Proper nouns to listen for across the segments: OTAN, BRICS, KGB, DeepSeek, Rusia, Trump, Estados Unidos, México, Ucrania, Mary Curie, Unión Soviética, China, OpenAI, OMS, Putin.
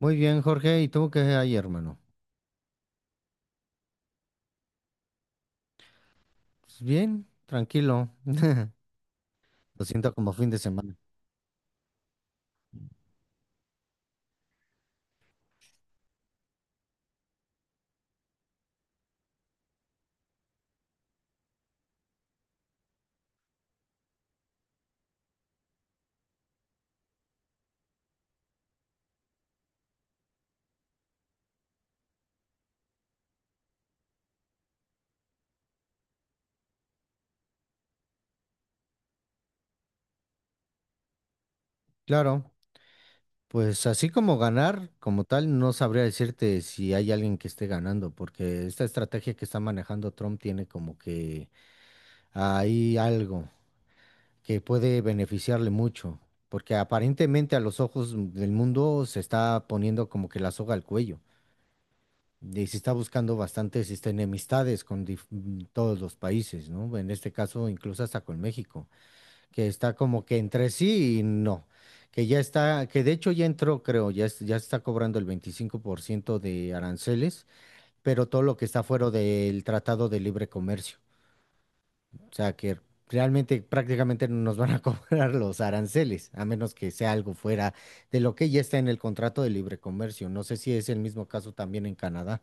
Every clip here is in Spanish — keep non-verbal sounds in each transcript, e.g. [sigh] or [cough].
Muy bien, Jorge. ¿Y tú qué hay, hermano? Pues bien, tranquilo. Lo siento como fin de semana. Claro, pues así como ganar, como tal, no sabría decirte si hay alguien que esté ganando, porque esta estrategia que está manejando Trump tiene como que hay algo que puede beneficiarle mucho, porque aparentemente a los ojos del mundo se está poniendo como que la soga al cuello. Y se está buscando bastantes enemistades con todos los países, ¿no? En este caso, incluso hasta con México, que está como que entre sí y no, que ya está, que de hecho ya entró, creo, ya, ya está cobrando el 25% de aranceles, pero todo lo que está fuera del Tratado de Libre Comercio. O sea, que realmente prácticamente no nos van a [laughs] cobrar los aranceles, a menos que sea algo fuera de lo que ya está en el contrato de libre comercio. No sé si es el mismo caso también en Canadá.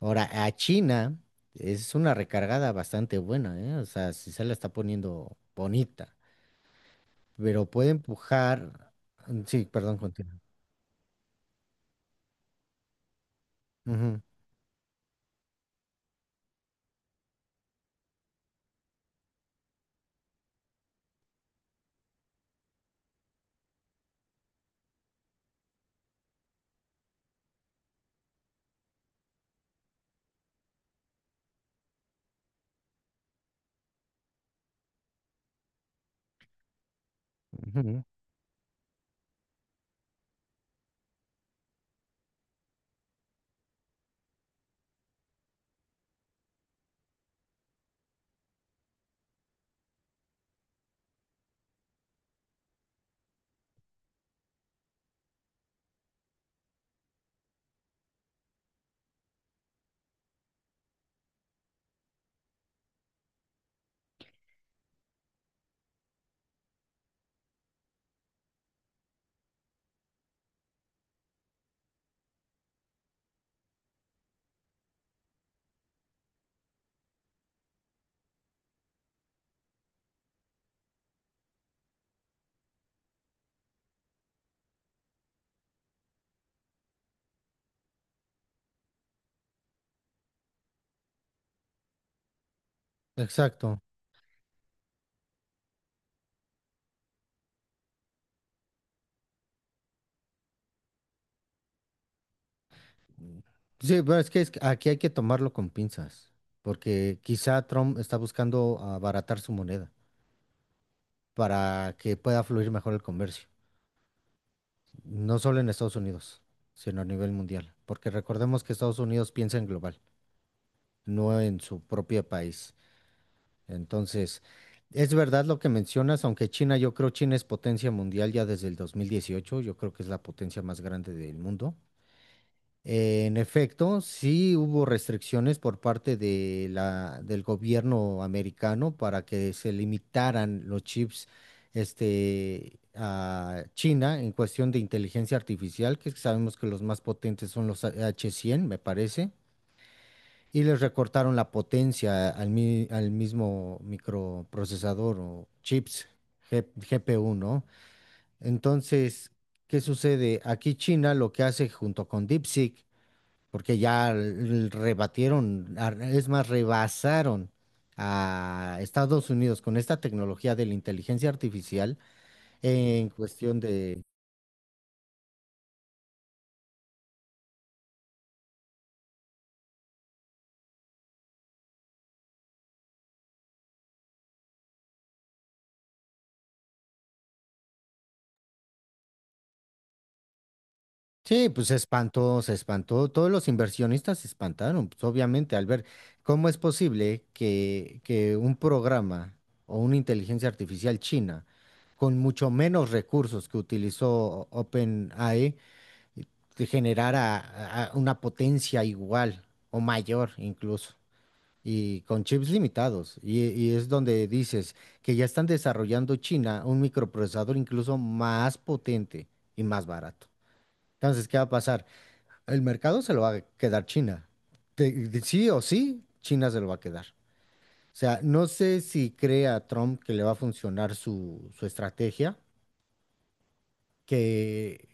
Ahora, a China es una recargada bastante buena, ¿eh? O sea, si se la está poniendo bonita, pero puede empujar. Sí, perdón, continúa. Ujú, ujú. Exacto. Sí, pero es que aquí hay que tomarlo con pinzas, porque quizá Trump está buscando abaratar su moneda para que pueda fluir mejor el comercio, no solo en Estados Unidos, sino a nivel mundial, porque recordemos que Estados Unidos piensa en global, no en su propio país. Entonces, es verdad lo que mencionas, aunque China, yo creo China es potencia mundial ya desde el 2018. Yo creo que es la potencia más grande del mundo. En efecto, sí hubo restricciones por parte de la, del gobierno americano para que se limitaran los chips a China en cuestión de inteligencia artificial, que sabemos que los más potentes son los H100, me parece. Y les recortaron la potencia al, al mismo microprocesador o chips GPU, ¿no? Entonces, ¿qué sucede? Aquí China lo que hace junto con DeepSeek, porque ya rebatieron, es más, rebasaron a Estados Unidos con esta tecnología de la inteligencia artificial en cuestión de... Sí, pues se espantó, se espantó. Todos los inversionistas se espantaron, pues obviamente, al ver cómo es posible que un programa o una inteligencia artificial china, con mucho menos recursos que utilizó OpenAI, eh, te generara a una potencia igual o mayor incluso, y con chips limitados. Y es donde dices que ya están desarrollando China un microprocesador incluso más potente y más barato. Entonces, ¿qué va a pasar? El mercado se lo va a quedar China. Sí o sí, China se lo va a quedar. O sea, no sé si cree a Trump que le va a funcionar su, su estrategia, que,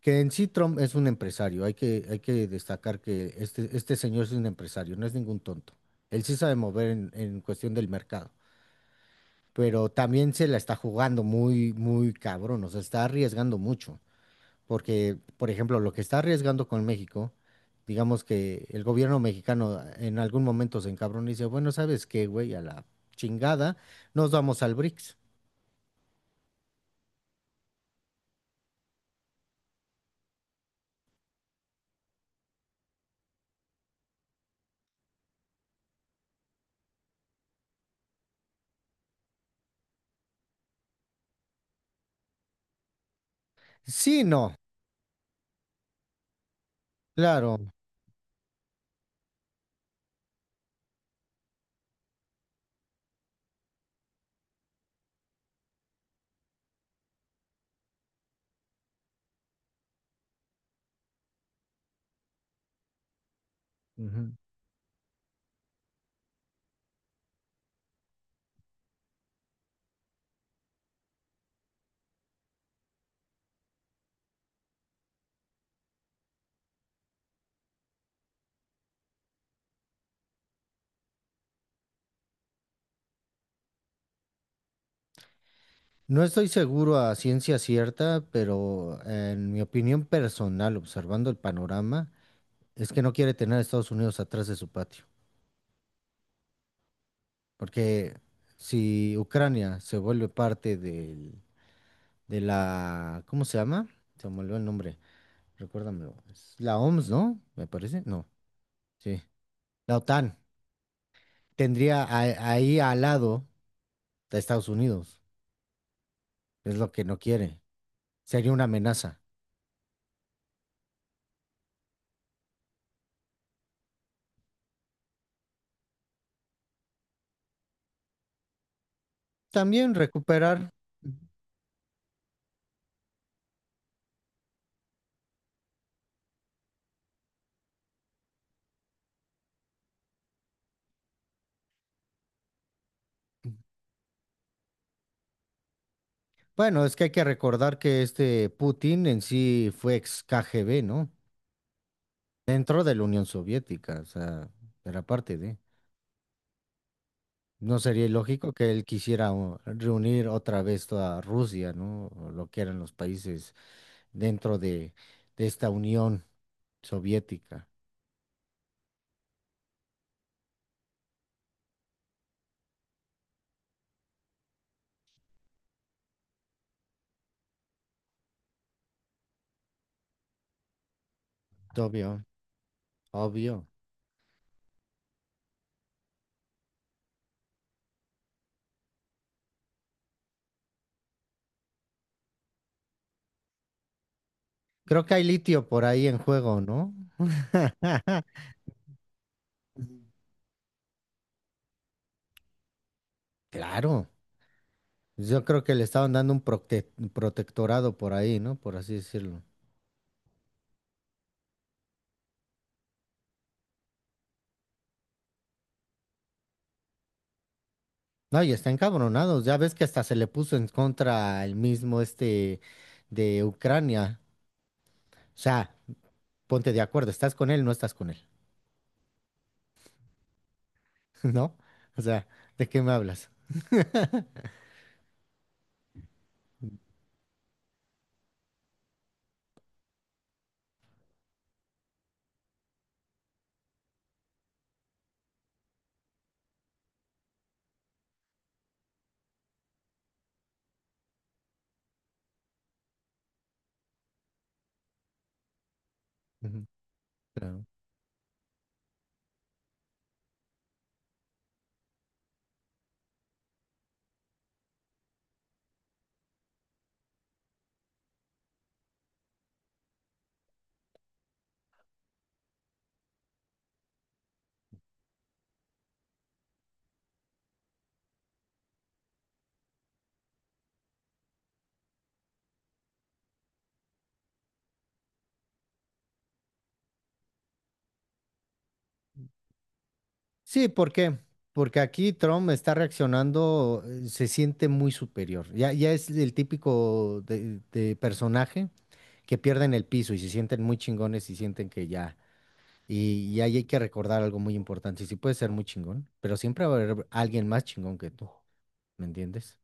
que en sí Trump es un empresario. Hay que destacar que este señor es un empresario, no es ningún tonto. Él sí sabe mover en cuestión del mercado, pero también se la está jugando muy, muy cabrón. O sea, está arriesgando mucho. Porque, por ejemplo, lo que está arriesgando con México, digamos que el gobierno mexicano en algún momento se encabrona y dice, bueno, ¿sabes qué, güey? A la chingada, nos vamos al BRICS. Sí, no, claro. Ujú. No estoy seguro a ciencia cierta, pero en mi opinión personal, observando el panorama, es que no quiere tener a Estados Unidos atrás de su patio. Porque si Ucrania se vuelve de la, ¿cómo se llama? Se me olvidó el nombre. Recuérdamelo. Es la OMS, ¿no? Me parece. No, sí. La OTAN tendría ahí al lado de Estados Unidos. Es lo que no quiere. Sería una amenaza. También recuperar. Bueno, es que hay que recordar que este Putin en sí fue ex KGB, ¿no? Dentro de la Unión Soviética, o sea, era parte de. No sería ilógico que él quisiera reunir otra vez toda Rusia, ¿no? O lo que eran los países dentro de esta unión soviética. Obvio, obvio. Creo que hay litio por ahí en juego, ¿no? [laughs] Claro. Yo creo que le estaban dando un protectorado por ahí, ¿no? Por así decirlo. No, y está encabronado. Ya ves que hasta se le puso en contra el mismo este de Ucrania. O sea, ponte de acuerdo, ¿estás con él o no estás con él? [laughs] ¿No? O sea, ¿de qué me hablas? Ujú. Claro. Sí, ¿por qué? Porque aquí Trump está reaccionando, se siente muy superior. Ya, ya es el típico de personaje que pierden el piso y se sienten muy chingones y sienten que ya. Y ahí hay que recordar algo muy importante. Sí, sí puedes ser muy chingón, pero siempre va a haber alguien más chingón que tú. ¿Me entiendes?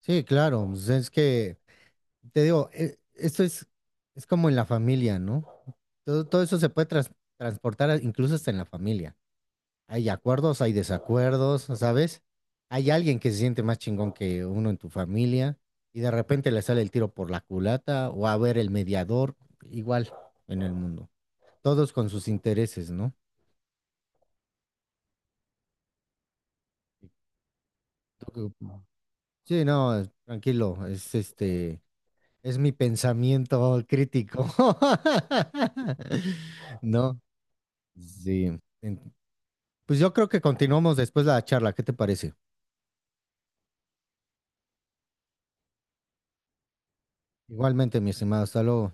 Sí, claro. Pues es que, te digo, esto es como en la familia, ¿no? Todo, todo eso se puede transportar incluso hasta en la familia. Hay acuerdos, hay desacuerdos, ¿sabes? Hay alguien que se siente más chingón que uno en tu familia y de repente le sale el tiro por la culata o a ver el mediador, igual en el mundo. Todos con sus intereses, ¿no? ¿Tú qué opinas? Sí, no, tranquilo, es es mi pensamiento crítico. [laughs] ¿No? Sí. En... Pues yo creo que continuamos después la charla, ¿qué te parece? Igualmente, mi estimado, hasta luego.